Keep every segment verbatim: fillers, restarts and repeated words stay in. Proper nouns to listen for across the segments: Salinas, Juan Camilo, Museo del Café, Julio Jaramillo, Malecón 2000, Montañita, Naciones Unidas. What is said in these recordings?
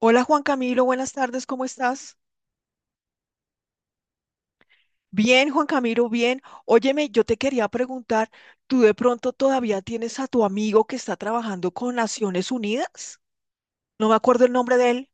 Hola Juan Camilo, buenas tardes, ¿cómo estás? Bien, Juan Camilo, bien. Óyeme, yo te quería preguntar, ¿tú de pronto todavía tienes a tu amigo que está trabajando con Naciones Unidas? No me acuerdo el nombre de él.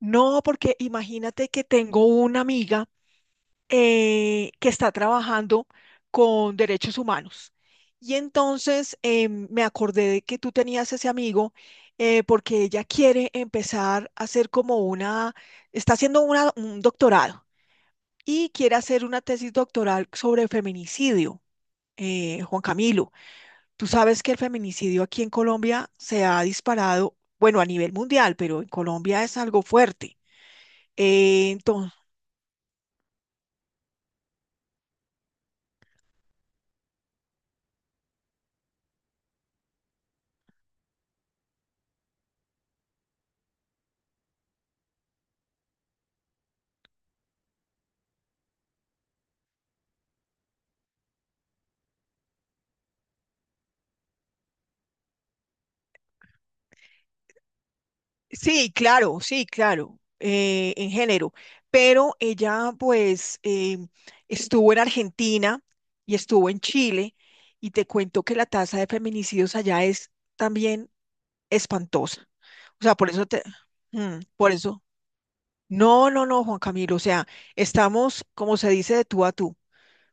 No, porque imagínate que tengo una amiga eh, que está trabajando con derechos humanos. Y entonces eh, me acordé de que tú tenías ese amigo eh, porque ella quiere empezar a hacer como una, está haciendo una, un doctorado y quiere hacer una tesis doctoral sobre feminicidio. eh, Juan Camilo, tú sabes que el feminicidio aquí en Colombia se ha disparado, bueno, a nivel mundial, pero en Colombia es algo fuerte. Eh, entonces, sí, claro, sí, claro, eh, en género, pero ella pues eh, estuvo en Argentina y estuvo en Chile y te cuento que la tasa de feminicidios allá es también espantosa. O sea, por eso te, mm, por eso. No, no, no, Juan Camilo, o sea, estamos, como se dice, de tú a tú,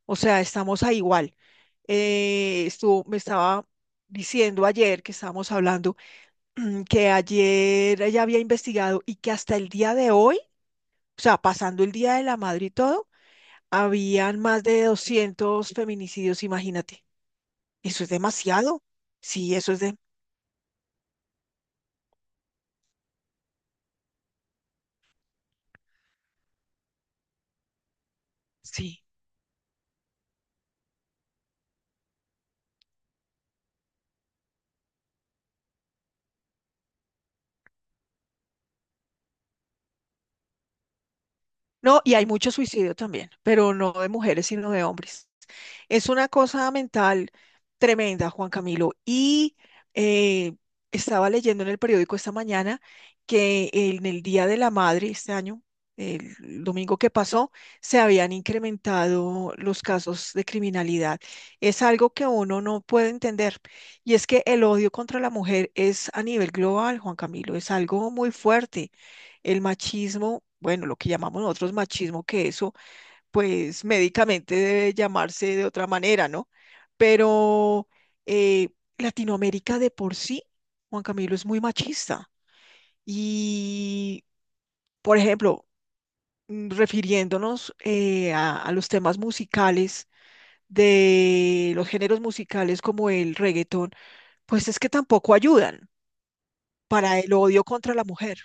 o sea, estamos a igual. Eh, estuvo- me estaba diciendo ayer que estábamos hablando mm, que ayer ella había investigado y que hasta el día de hoy, o sea, pasando el Día de la Madre y todo, habían más de doscientos feminicidios, imagínate. Eso es demasiado. Sí, eso es de... Sí. No, y hay mucho suicidio también, pero no de mujeres, sino de hombres. Es una cosa mental tremenda, Juan Camilo. Y eh, estaba leyendo en el periódico esta mañana que en el Día de la Madre, este año, el domingo que pasó, se habían incrementado los casos de criminalidad. Es algo que uno no puede entender. Y es que el odio contra la mujer es a nivel global, Juan Camilo, es algo muy fuerte. El machismo, bueno, lo que llamamos nosotros machismo, que eso pues médicamente debe llamarse de otra manera, ¿no? Pero eh, Latinoamérica de por sí, Juan Camilo, es muy machista. Y, por ejemplo, mm, refiriéndonos eh, a, a los temas musicales de los géneros musicales como el reggaetón, pues es que tampoco ayudan, para el odio contra la mujer.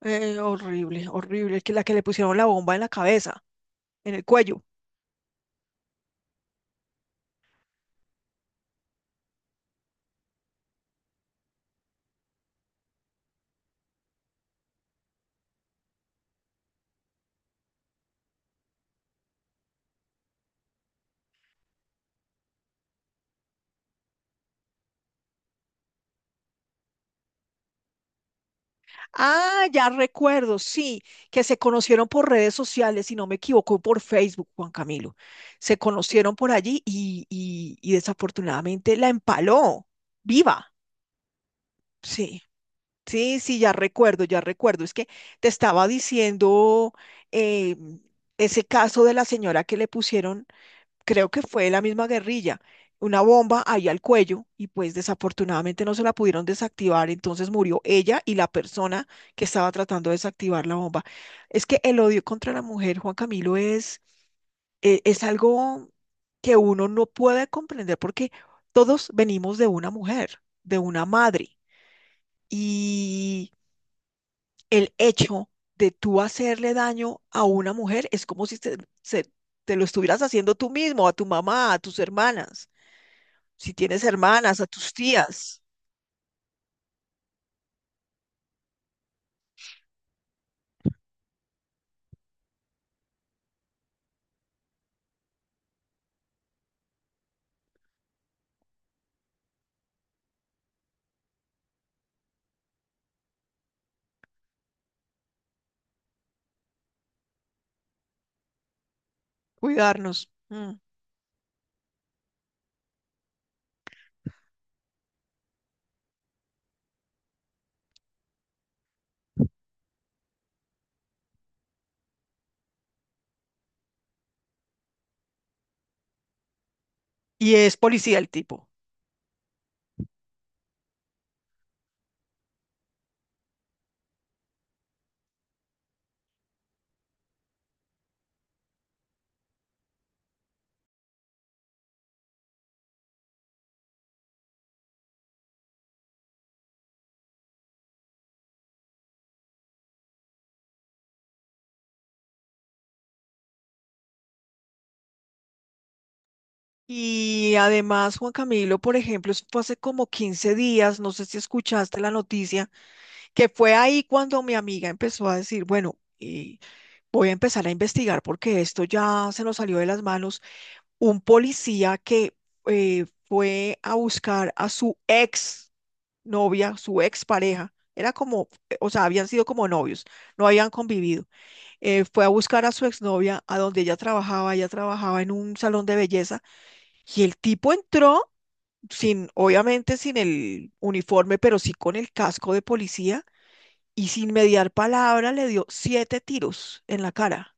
Eh, horrible, horrible, que la que le pusieron la bomba en la cabeza, en el cuello. Ah, ya recuerdo, sí, que se conocieron por redes sociales, si no me equivoco, por Facebook, Juan Camilo. Se conocieron por allí y, y, y desafortunadamente la empaló, viva. Sí, sí, sí, ya recuerdo, ya recuerdo. Es que te estaba diciendo eh, ese caso de la señora que le pusieron, creo que fue la misma guerrilla, una bomba ahí al cuello y pues desafortunadamente no se la pudieron desactivar, entonces murió ella y la persona que estaba tratando de desactivar la bomba. Es que el odio contra la mujer, Juan Camilo, es, e- es algo que uno no puede comprender porque todos venimos de una mujer, de una madre y el hecho de tú hacerle daño a una mujer es como si te, se- te lo estuvieras haciendo tú mismo, a tu mamá, a tus hermanas si tienes hermanas, a tus tías. Cuidarnos. Mm. Y es policía el tipo. Y además, Juan Camilo, por ejemplo, eso fue hace como quince días, no sé si escuchaste la noticia, que fue ahí cuando mi amiga empezó a decir, bueno, y voy a empezar a investigar porque esto ya se nos salió de las manos. Un policía que eh, fue a buscar a su ex novia, su ex pareja. Era como, eh, o sea, habían sido como novios, no habían convivido. Eh, fue a buscar a su exnovia a donde ella trabajaba, ella trabajaba en un salón de belleza y el tipo entró sin, obviamente sin el uniforme, pero sí con el casco de policía y sin mediar palabra le dio siete tiros en la cara.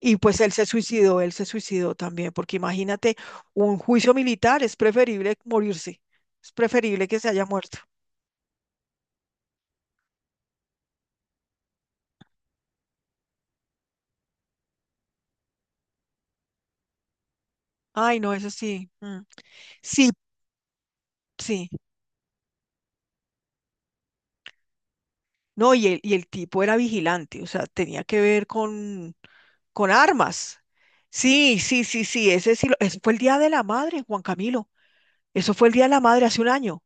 Y pues él se suicidó, él se suicidó también, porque imagínate, un juicio militar es preferible morirse, es preferible que se haya muerto. Ay, no, eso sí. Mm. Sí, sí. No, y el, y el tipo era vigilante, o sea, tenía que ver con, con armas. Sí, sí, sí, sí, ese sí, lo- ese fue el Día de la Madre, Juan Camilo. Eso fue el Día de la Madre hace un año.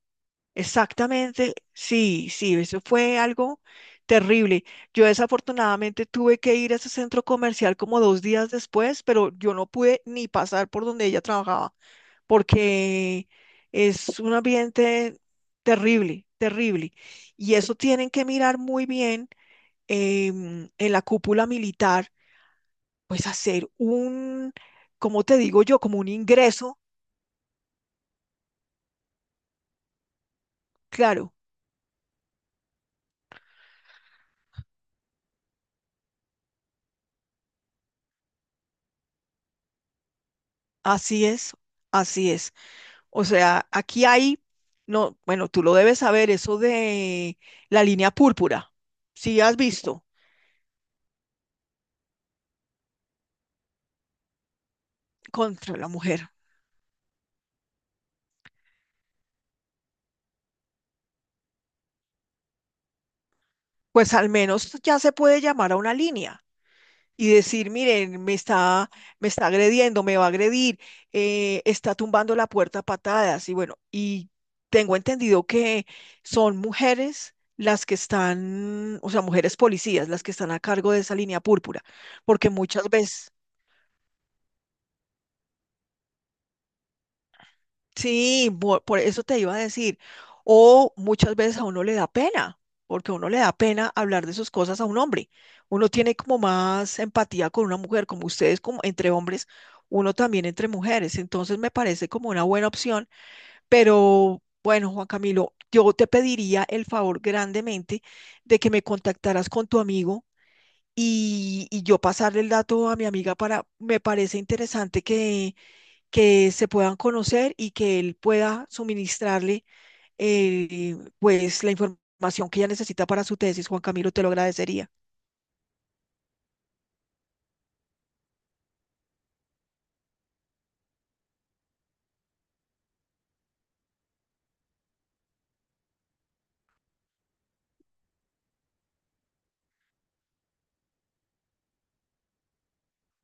Exactamente, sí, sí, eso fue algo terrible. Yo desafortunadamente tuve que ir a ese centro comercial como dos días después, pero yo no pude ni pasar por donde ella trabajaba, porque es un ambiente terrible, terrible. Y eso tienen que mirar muy bien em, en la cúpula militar, pues hacer un, como te digo yo? Como un ingreso, claro, así es, así es. O sea, aquí hay, no, bueno, tú lo debes saber, eso de la línea púrpura, si has visto contra la mujer, pues al menos ya se puede llamar a una línea y decir, miren, me está, me está agrediendo, me va a agredir, eh, está tumbando la puerta a patadas y bueno, y tengo entendido que son mujeres las que están, o sea, mujeres policías, las que están a cargo de esa línea púrpura, porque muchas veces... Sí, bo- por, eso te iba a decir. O muchas veces a uno le da pena, porque a uno le da pena hablar de sus cosas a un hombre. Uno tiene como más empatía con una mujer, como ustedes, como entre hombres, uno también entre mujeres. Entonces me parece como una buena opción. Pero bueno, Juan Camilo, yo te pediría el favor grandemente de que me contactaras con tu amigo y, y yo pasarle el dato a mi amiga, para, me parece interesante que se puedan conocer y que él pueda suministrarle eh, pues la información que ella necesita para su tesis. Juan Camilo, te lo agradecería.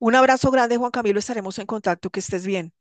Un abrazo grande, Juan Camilo, estaremos en contacto, que estés bien.